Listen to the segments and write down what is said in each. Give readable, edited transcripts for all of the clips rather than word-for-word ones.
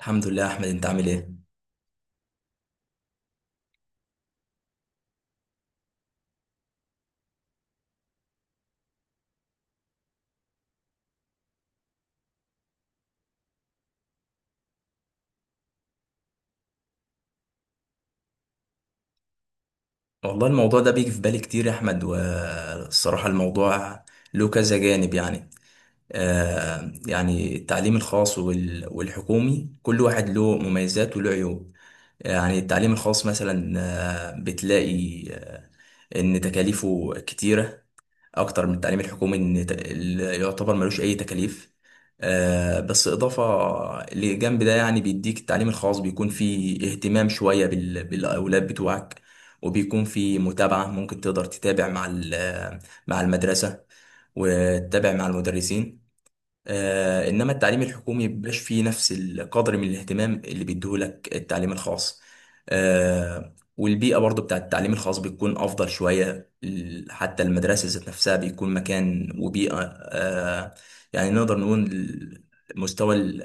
الحمد لله يا احمد، انت عامل ايه؟ والله الموضوع ده بيجي في بالي كتير يا احمد، والصراحه الموضوع له كذا جانب يعني. يعني التعليم الخاص والحكومي كل واحد له مميزات وله عيوب. يعني التعليم الخاص مثلا بتلاقي ان تكاليفه كتيره اكتر من التعليم الحكومي، اللي يعتبر ملوش اي تكاليف. بس اضافه لجنب ده يعني بيديك التعليم الخاص بيكون فيه اهتمام شويه بالاولاد بتوعك، وبيكون فيه متابعه، ممكن تقدر تتابع مع مع المدرسه، وتتابع مع المدرسين. انما التعليم الحكومي مبيبقاش فيه نفس القدر من الاهتمام اللي بيديهولك التعليم الخاص. والبيئة برضو بتاعت التعليم الخاص بتكون افضل شوية، حتى المدرسة ذات نفسها بيكون مكان وبيئة. آه، يعني نقدر نقول مستوى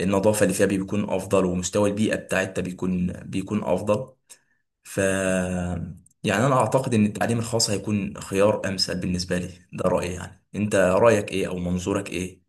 النظافة اللي فيها بيكون افضل، ومستوى البيئة بتاعتها بيكون افضل. ف يعني انا اعتقد ان التعليم الخاص هيكون خيار امثل بالنسبة لي. ده رأيي، يعني انت رأيك ايه او منظورك ايه؟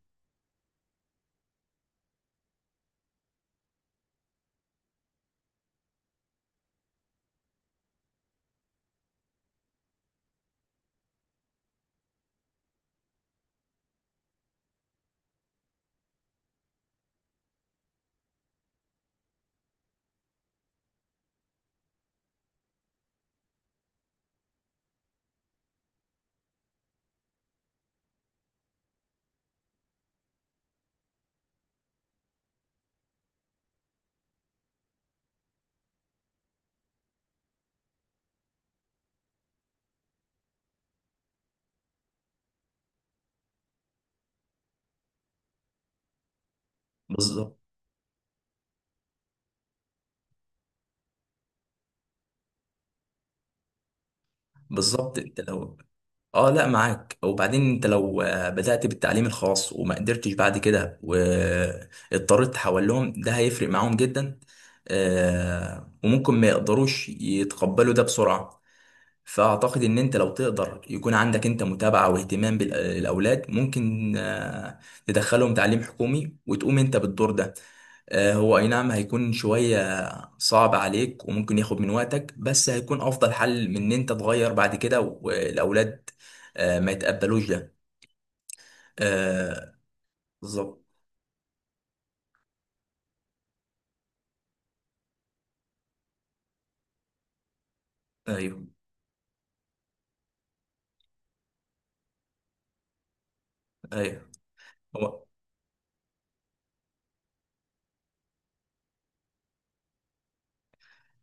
بالظبط، بالظبط. انت لو اه، لا، معاك. وبعدين انت لو بدأت بالتعليم الخاص وما قدرتش بعد كده واضطريت تحول لهم، ده هيفرق معاهم جدا. وممكن ما يقدروش يتقبلوا ده بسرعة. فأعتقد إن أنت لو تقدر يكون عندك أنت متابعة واهتمام بالأولاد، ممكن تدخلهم تعليم حكومي وتقوم أنت بالدور ده. هو اي نعم هيكون شوية صعب عليك وممكن ياخد من وقتك، بس هيكون افضل حل من ان انت تغير بعد كده والاولاد ما يتقبلوش ده. آه، بالظبط. ايوه، ايوه. هو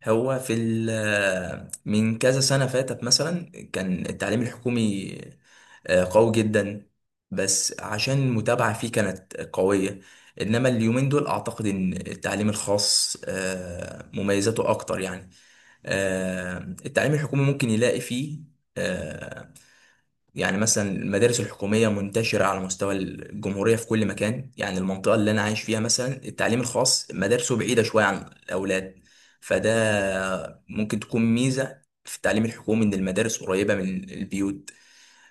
هو في ال- آه، من كذا سنة فاتت مثلا كان التعليم الحكومي قوي جدا، بس عشان المتابعة فيه كانت قوية. انما اليومين دول اعتقد ان التعليم الخاص مميزاته اكتر يعني. التعليم الحكومي ممكن يلاقي فيه آه، يعني مثلا المدارس الحكومية منتشرة على مستوى الجمهورية في كل مكان، يعني المنطقة اللي أنا عايش فيها مثلا التعليم الخاص مدارسه بعيدة شوية عن الأولاد. فده ممكن تكون ميزة في التعليم الحكومي إن المدارس قريبة من البيوت.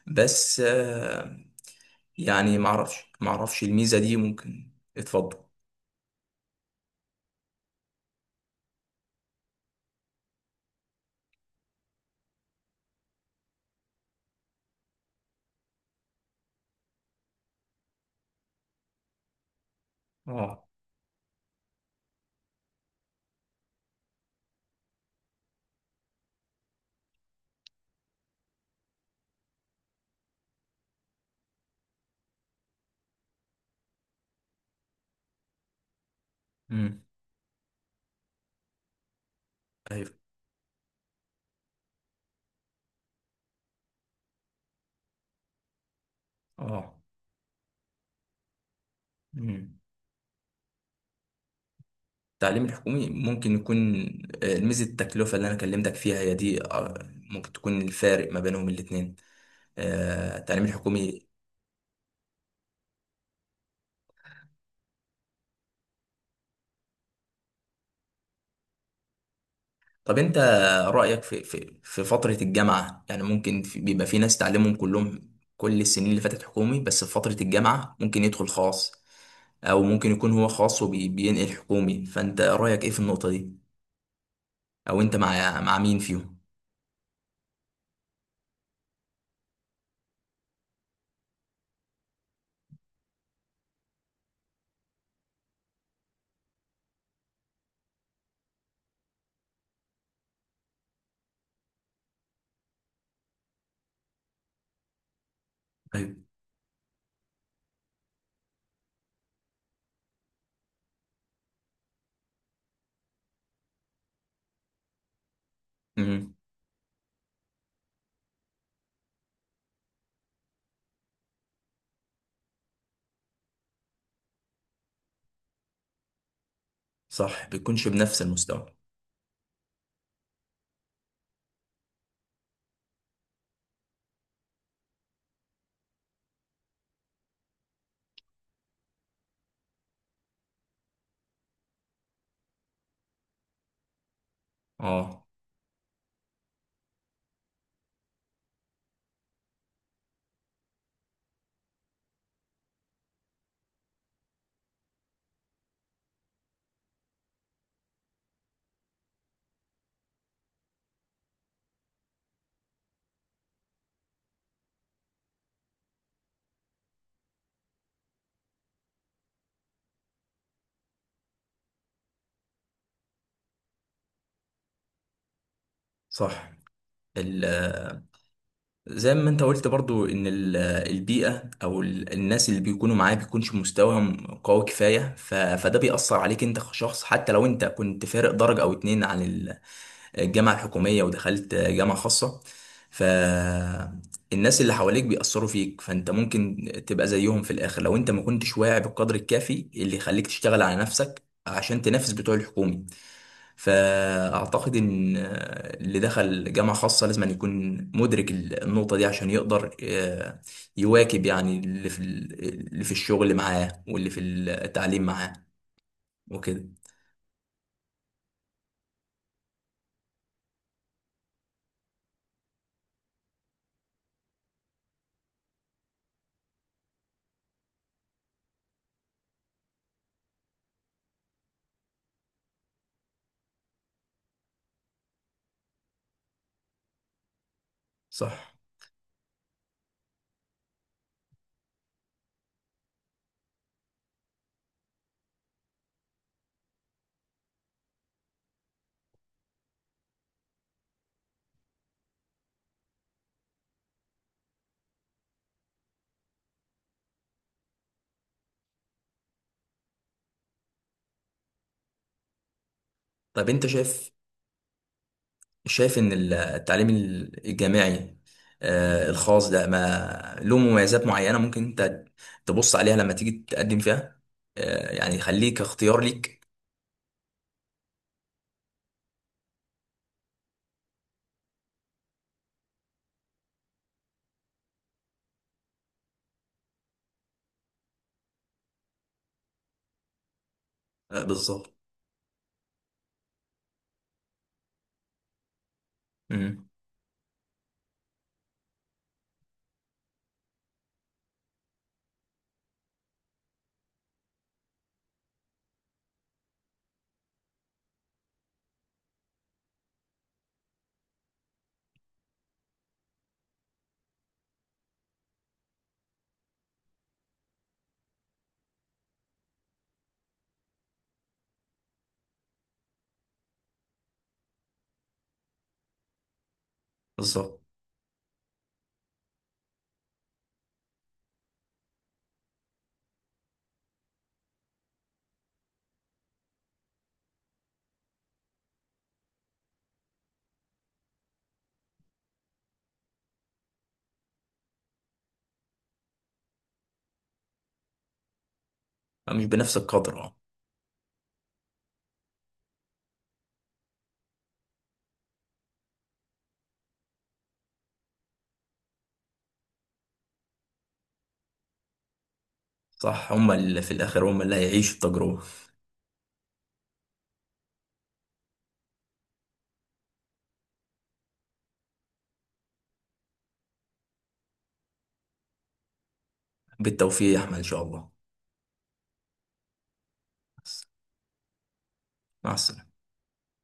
بس يعني معرفش، معرفش الميزة دي ممكن. اتفضل. اه، امم، ايوه، اه، مم. التعليم الحكومي ممكن يكون ميزة التكلفة اللي أنا كلمتك فيها هي دي، ممكن تكون الفارق ما بينهم الاتنين. التعليم الحكومي. طب أنت رأيك في فترة الجامعة، يعني ممكن في، بيبقى في ناس تعليمهم كلهم كل السنين اللي فاتت حكومي، بس في فترة الجامعة ممكن يدخل خاص، أو ممكن يكون هو خاص وبينقل حكومي، فأنت رأيك إيه في النقطة دي، أو أنت مع مين فيهم؟ أيوة. أمم. صح، بيكونش بنفس المستوى. اه. صح. ال زي ما انت قلت برضو ان البيئة او الناس اللي بيكونوا معاه بيكونش مستواهم قوي كفاية، فده بيأثر عليك انت كشخص، حتى لو انت كنت فارق درجة او اتنين عن الجامعة الحكومية ودخلت جامعة خاصة. فالناس اللي حواليك بيأثروا فيك، فانت ممكن تبقى زيهم في الاخر لو انت ما كنتش واعي بالقدر الكافي اللي يخليك تشتغل على نفسك عشان تنافس بتوع الحكومي. فأعتقد إن اللي دخل جامعة خاصة لازم أن يكون مدرك النقطة دي عشان يقدر يواكب يعني اللي في اللي في الشغل معاه واللي في التعليم معاه وكده. صح. طب أنت شايف شايف إن التعليم الجامعي الخاص ده ما له مميزات معينة ممكن أنت تبص عليها لما تيجي تقدم فيها، يعني يخليك اختيار ليك. بالظبط. مم. بالظبط، مش بنفس القدر. صح، هم اللي في الآخر هم اللي هيعيشوا التجربة. بالتوفيق يا أحمد إن شاء الله. مع السلامة.